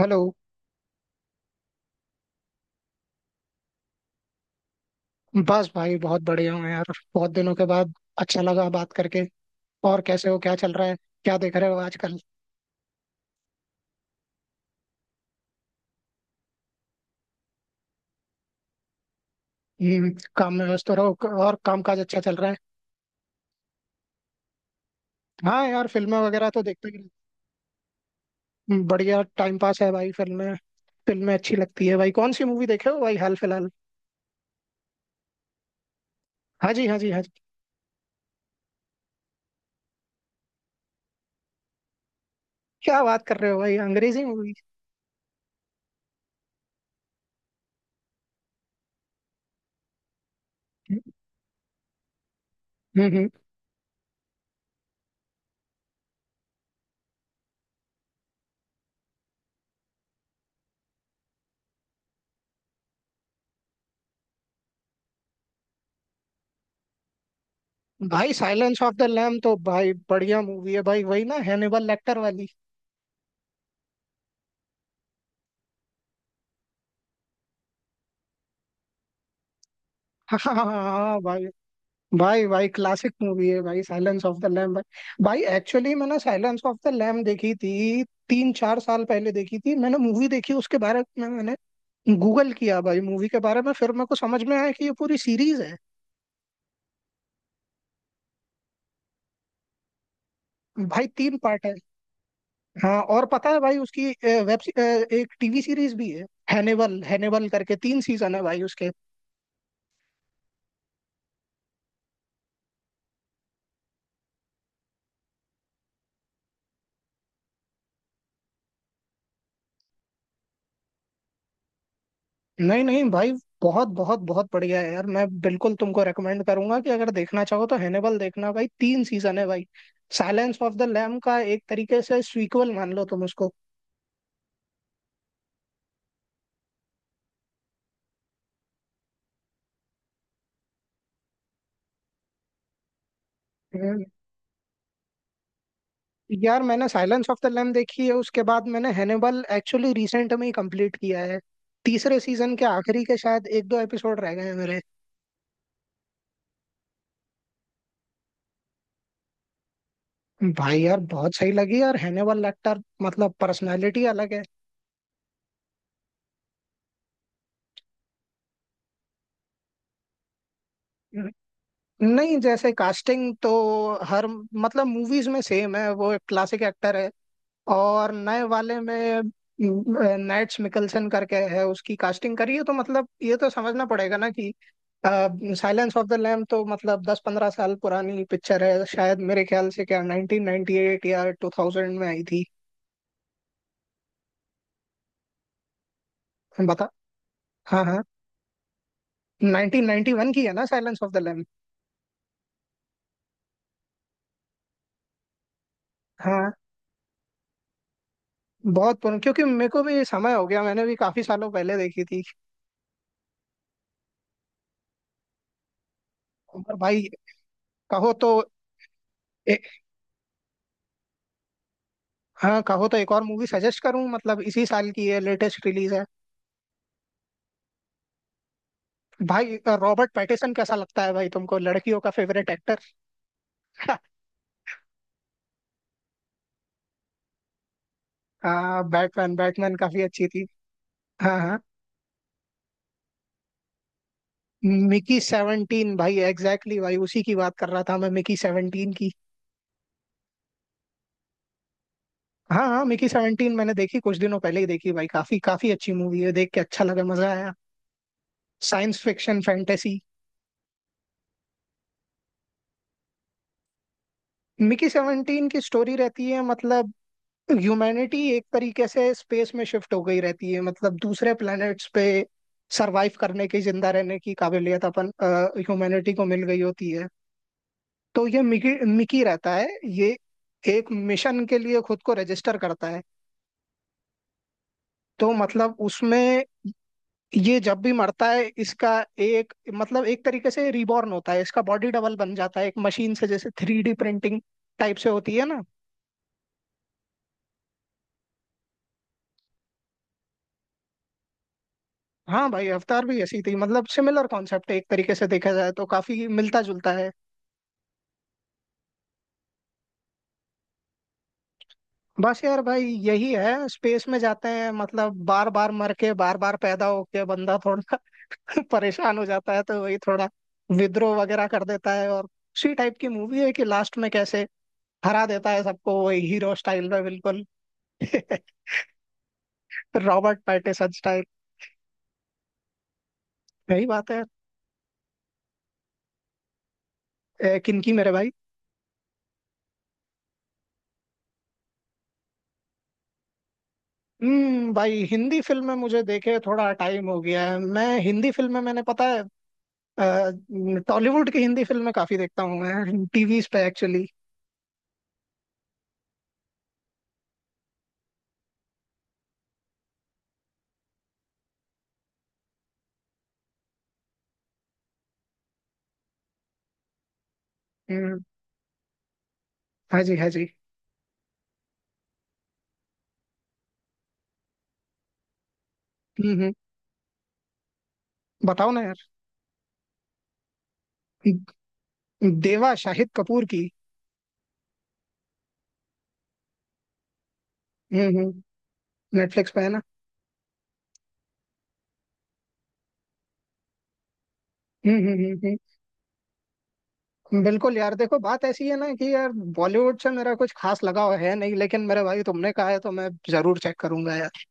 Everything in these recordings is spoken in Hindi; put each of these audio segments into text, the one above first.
हेलो। बस भाई बहुत बढ़िया हूँ यार। बहुत दिनों के बाद अच्छा लगा बात करके। और कैसे हो, क्या चल रहा है? क्या देख रहे हो आजकल? हम्म, काम में व्यस्त रहो। और काम काज अच्छा चल रहा है? हाँ यार, फिल्में वगैरह तो देखते ही रहते हैं। बढ़िया टाइम पास है भाई फिल्में। फिल्में अच्छी लगती है भाई, कौन सी मूवी देखे हो भाई हाल फिलहाल? हाँ जी, हाँ जी, हाँ जी। क्या बात कर रहे हो भाई, अंग्रेजी मूवी? हम्म हम्म। भाई साइलेंस ऑफ द लैम तो भाई बढ़िया मूवी है भाई। वही ना, हैनिबल लेक्टर वाली? हाँ हाँ हाँ, हाँ, भाई। भाई भाई, क्लासिक मूवी है भाई साइलेंस ऑफ द लैम भाई। भाई एक्चुअली मैंने साइलेंस ऑफ द लैम देखी थी, 3-4 साल पहले देखी थी मैंने मूवी, देखी उसके बारे में मैंने गूगल किया भाई मूवी के बारे में, फिर मेरे को समझ में आया कि ये पूरी सीरीज है। भाई 3 पार्ट है। हाँ, और पता है भाई उसकी वेब, एक टीवी सीरीज भी है। हैनिवल हैनिवल करके 3 सीजन है भाई उसके। नहीं नहीं भाई, बहुत बहुत बहुत बढ़िया है यार। मैं बिल्कुल तुमको रेकमेंड करूंगा कि अगर देखना चाहो तो हैनिबल देखना भाई, 3 सीजन है भाई। साइलेंस ऑफ द लैम का एक तरीके से सीक्वल मान लो तुम उसको। हम्म। यार मैंने साइलेंस ऑफ द लैम देखी है, उसके बाद मैंने हैनिबल एक्चुअली रिसेंट में ही कंप्लीट किया है। तीसरे सीजन के आखिरी के शायद 1-2 एपिसोड रह गए हैं मेरे। भाई यार बहुत सही लगी यार, हैनिबल लेक्टर मतलब पर्सनालिटी अलग है। नहीं, जैसे कास्टिंग तो हर मतलब मूवीज में सेम है, वो एक क्लासिक एक्टर है। और नए वाले में नैट्स मिकलसन करके है, उसकी कास्टिंग करी है। तो मतलब ये तो समझना पड़ेगा ना कि साइलेंस ऑफ द लैम तो मतलब 10-15 साल पुरानी पिक्चर है शायद, मेरे ख्याल से क्या 1998 या 2000 में आई थी? बता। हाँ हाँ, 1991 की है ना साइलेंस ऑफ द लैम? हाँ, बहुत पुरानी, क्योंकि मेरे को भी समय हो गया, मैंने भी काफी सालों पहले देखी थी। और भाई कहो तो ए, हाँ कहो तो एक और मूवी सजेस्ट करूं, मतलब इसी साल की है, लेटेस्ट रिलीज है। भाई रॉबर्ट पैटिसन कैसा लगता है भाई तुमको, लड़कियों का फेवरेट एक्टर? हाँ, बैटमैन बैटमैन काफी अच्छी थी। हाँ हाँ, मिकी 17 भाई, एग्जैक्टली exactly भाई, उसी की बात कर रहा था मैं, मिकी 17 की। हाँ हाँ, मिकी सेवनटीन मैंने देखी, कुछ दिनों पहले ही देखी भाई, काफी काफी अच्छी मूवी है, देख के अच्छा लगा, मजा आया। Science fiction fantasy. मिकी 17 की स्टोरी रहती है मतलब, ह्यूमैनिटी एक तरीके से स्पेस में शिफ्ट हो गई रहती है, मतलब दूसरे प्लैनेट्स पे सरवाइव करने की, जिंदा रहने की काबिलियत अपन ह्यूमैनिटी को मिल गई होती है। तो ये मिकी, मिकी रहता है। ये एक मिशन के लिए खुद को रजिस्टर करता है। तो मतलब उसमें, ये जब भी मरता है इसका, एक मतलब एक तरीके से रिबॉर्न होता है, इसका बॉडी डबल बन जाता है एक मशीन से, जैसे थ्री डी प्रिंटिंग टाइप से होती है ना। हाँ भाई, अवतार भी ऐसी थी, मतलब सिमिलर कॉन्सेप्ट है, एक तरीके से देखा जाए तो काफी मिलता जुलता है। बस यार भाई यही है, स्पेस में जाते हैं, मतलब बार बार मर के बार बार पैदा होके बंदा थोड़ा परेशान हो जाता है, तो वही थोड़ा विद्रोह वगैरह कर देता है, और उसी टाइप की मूवी है कि लास्ट में कैसे हरा देता है सबको वही, हीरो स्टाइल में बिल्कुल। रॉबर्ट पैटिसन स्टाइल, यही बात है। किनकी मेरे भाई? भाई हिंदी फिल्में मुझे देखे थोड़ा टाइम हो गया है, मैं हिंदी फिल्में मैंने पता है, अ, टॉलीवुड की हिंदी फिल्में काफी देखता हूँ मैं, टीवीज पे एक्चुअली। हाँ जी, हाँ जी। हम्म हम्म बताओ ना यार। देवा शाहिद कपूर की। हम्म हम्म नेटफ्लिक्स पे है ना? हम्म हम्म हम्म बिल्कुल यार, देखो बात ऐसी है ना कि यार, बॉलीवुड से मेरा कुछ खास लगाव है नहीं, लेकिन मेरे भाई तुमने कहा है तो मैं जरूर चेक करूंगा यार।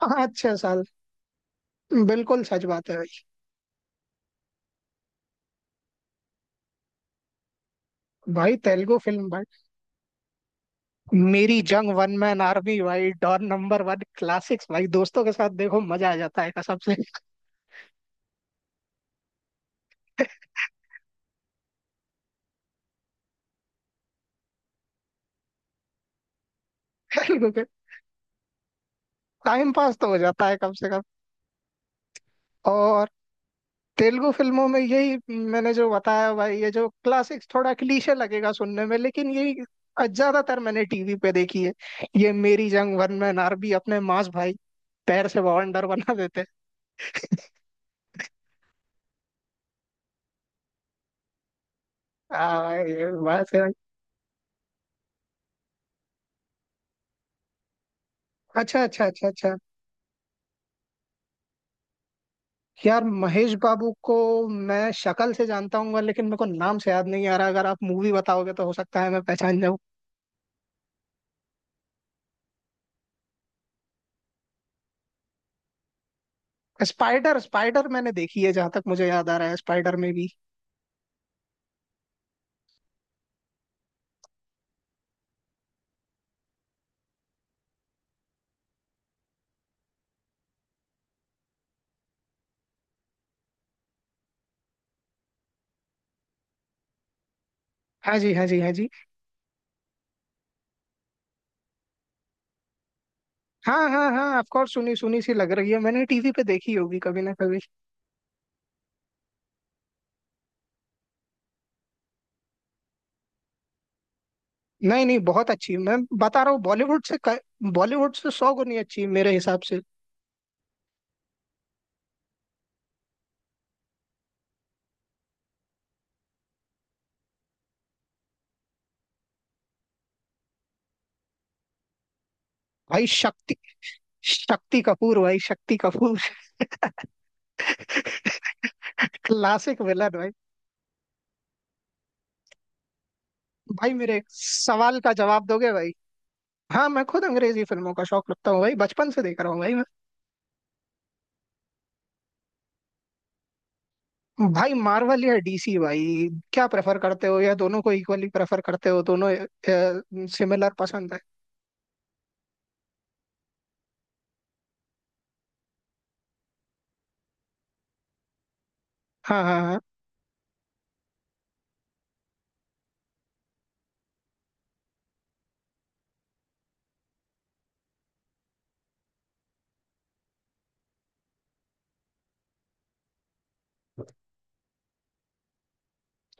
5-6 साल, बिल्कुल सच बात है भाई। भाई तेलुगु फिल्म भाई, Meri Jung one man army भाई, डॉन नंबर वन, क्लासिक्स भाई, दोस्तों के साथ देखो मजा आ जाता है कसम से। तेलुगु के टाइम पास तो हो जाता है कम से कम। और तेलुगु फिल्मों में यही, मैंने जो बताया भाई, ये जो क्लासिक्स, थोड़ा क्लीशे लगेगा सुनने में लेकिन यही ज्यादातर मैंने टीवी पे देखी है। ये मेरी जंग वन में नारबी अपने मांस भाई पैर से बाउंडर बना देते हैं। आ, ये बात है भाई। अच्छा, अच्छा, अच्छा, अच्छा। यार महेश बाबू को मैं शक्ल से जानता हूँ, लेकिन मेरे को नाम से याद नहीं आ रहा, अगर आप मूवी बताओगे तो हो सकता है मैं पहचान जाऊँ। स्पाइडर, स्पाइडर मैंने देखी है, जहां तक मुझे याद आ रहा है, स्पाइडर में भी। हाँ जी, हाँ जी, हाँ जी। हाँ हाँ हाँ, ऑफ कोर्स, सुनी सुनी सी लग रही है, मैंने टीवी पे देखी होगी कभी ना कभी। नहीं नहीं, बहुत अच्छी मैं बता रहा हूँ, बॉलीवुड से 100 गुनी अच्छी है मेरे हिसाब से। भाई शक्ति शक्ति कपूर भाई, शक्ति कपूर। क्लासिक विलन भाई। भाई मेरे सवाल का जवाब दोगे भाई? हाँ, मैं खुद अंग्रेजी फिल्मों का शौक रखता हूँ भाई, बचपन से देख रहा हूँ भाई मैं। भाई मार्वल या डीसी भाई, क्या प्रेफर करते हो, या दोनों को इक्वली प्रेफर करते हो, दोनों सिमिलर पसंद है? हाँ हाँ हाँ।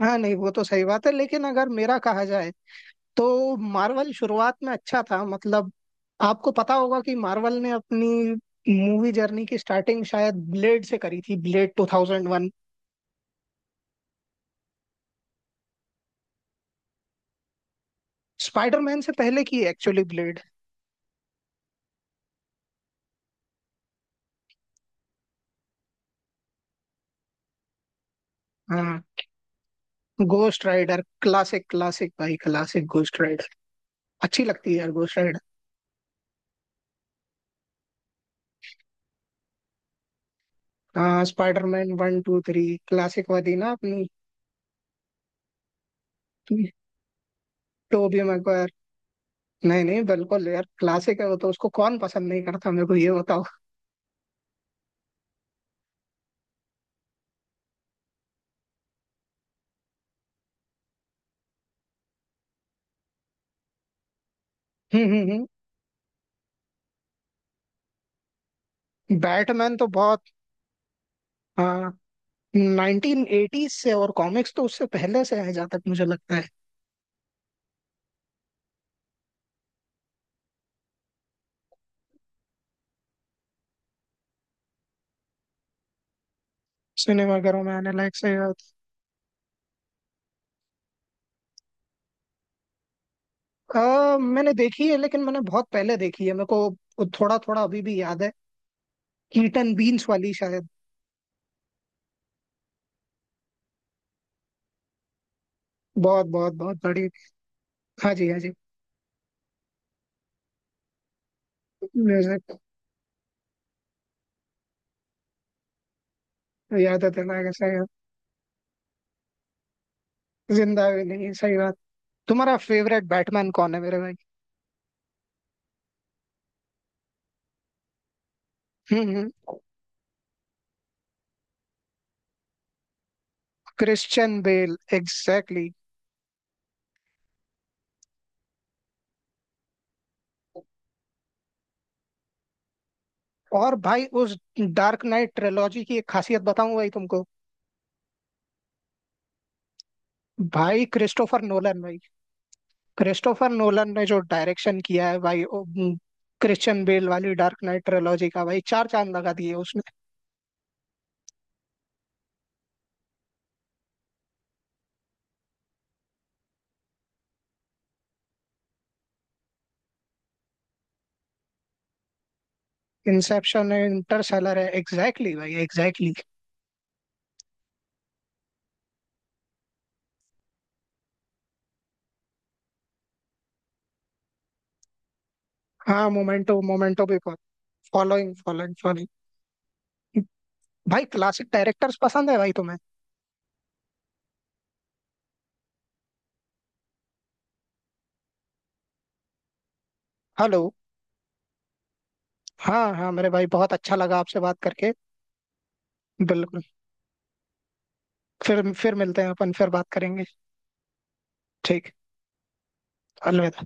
हाँ, नहीं वो तो सही बात है, लेकिन अगर मेरा कहा जाए तो मार्वल शुरुआत में अच्छा था मतलब, आपको पता होगा कि मार्वल ने अपनी मूवी जर्नी की स्टार्टिंग शायद ब्लेड से करी थी, ब्लेड 2001। स्पाइडरमैन से पहले की एक्चुअली ब्लेड। हाँ, गोस्ट राइडर क्लासिक, क्लासिक भाई, क्लासिक गोस्ट राइडर, अच्छी लगती है यार गोस्ट राइडर। हाँ, Spiderman one two three, classic वाली ना, अपनी टोबी मैगवायर। नहीं नहीं, बिल्कुल यार, क्लासिक है वो तो, उसको कौन पसंद नहीं करता, मेरे को ये बताओ। बैटमैन तो बहुत, हाँ, 1980s से, और कॉमिक्स तो उससे पहले से है जहाँ तक मुझे लगता है। सिनेमाघरों में आने लायक से। मैंने देखी है, लेकिन मैंने बहुत पहले देखी है, मेरे को थोड़ा थोड़ा अभी भी याद है, कीटन बीन्स वाली शायद। बहुत बहुत बहुत बड़ी। हाँ जी, हाँ जी। म्यूजिक याद है, तेरा कैसा है? जिंदा भी नहीं, सही बात। तुम्हारा फेवरेट बैटमैन कौन है मेरे भाई? हम्म हम्म क्रिश्चियन बेल, एग्जैक्टली। और भाई उस डार्क नाइट ट्रिलॉजी की एक खासियत बताऊं भाई तुमको? भाई क्रिस्टोफर नोलन भाई, क्रिस्टोफर नोलन ने जो डायरेक्शन किया है भाई, क्रिश्चियन बेल वाली डार्क नाइट ट्रिलॉजी का भाई चार चांद लगा दिए उसने। इंसेप्शन है, इंटरस्टेलर है, एग्जैक्टली exactly भाई, एग्जैक्टली exactly. हाँ, मोमेंटो, मोमेंटो भी। Following, following, following. भाई क्लासिक डायरेक्टर्स पसंद है भाई तुम्हें? हेलो। हाँ हाँ मेरे भाई, बहुत अच्छा लगा आपसे बात करके। बिल्कुल। फिर मिलते हैं, अपन फिर बात करेंगे। ठीक। अलविदा।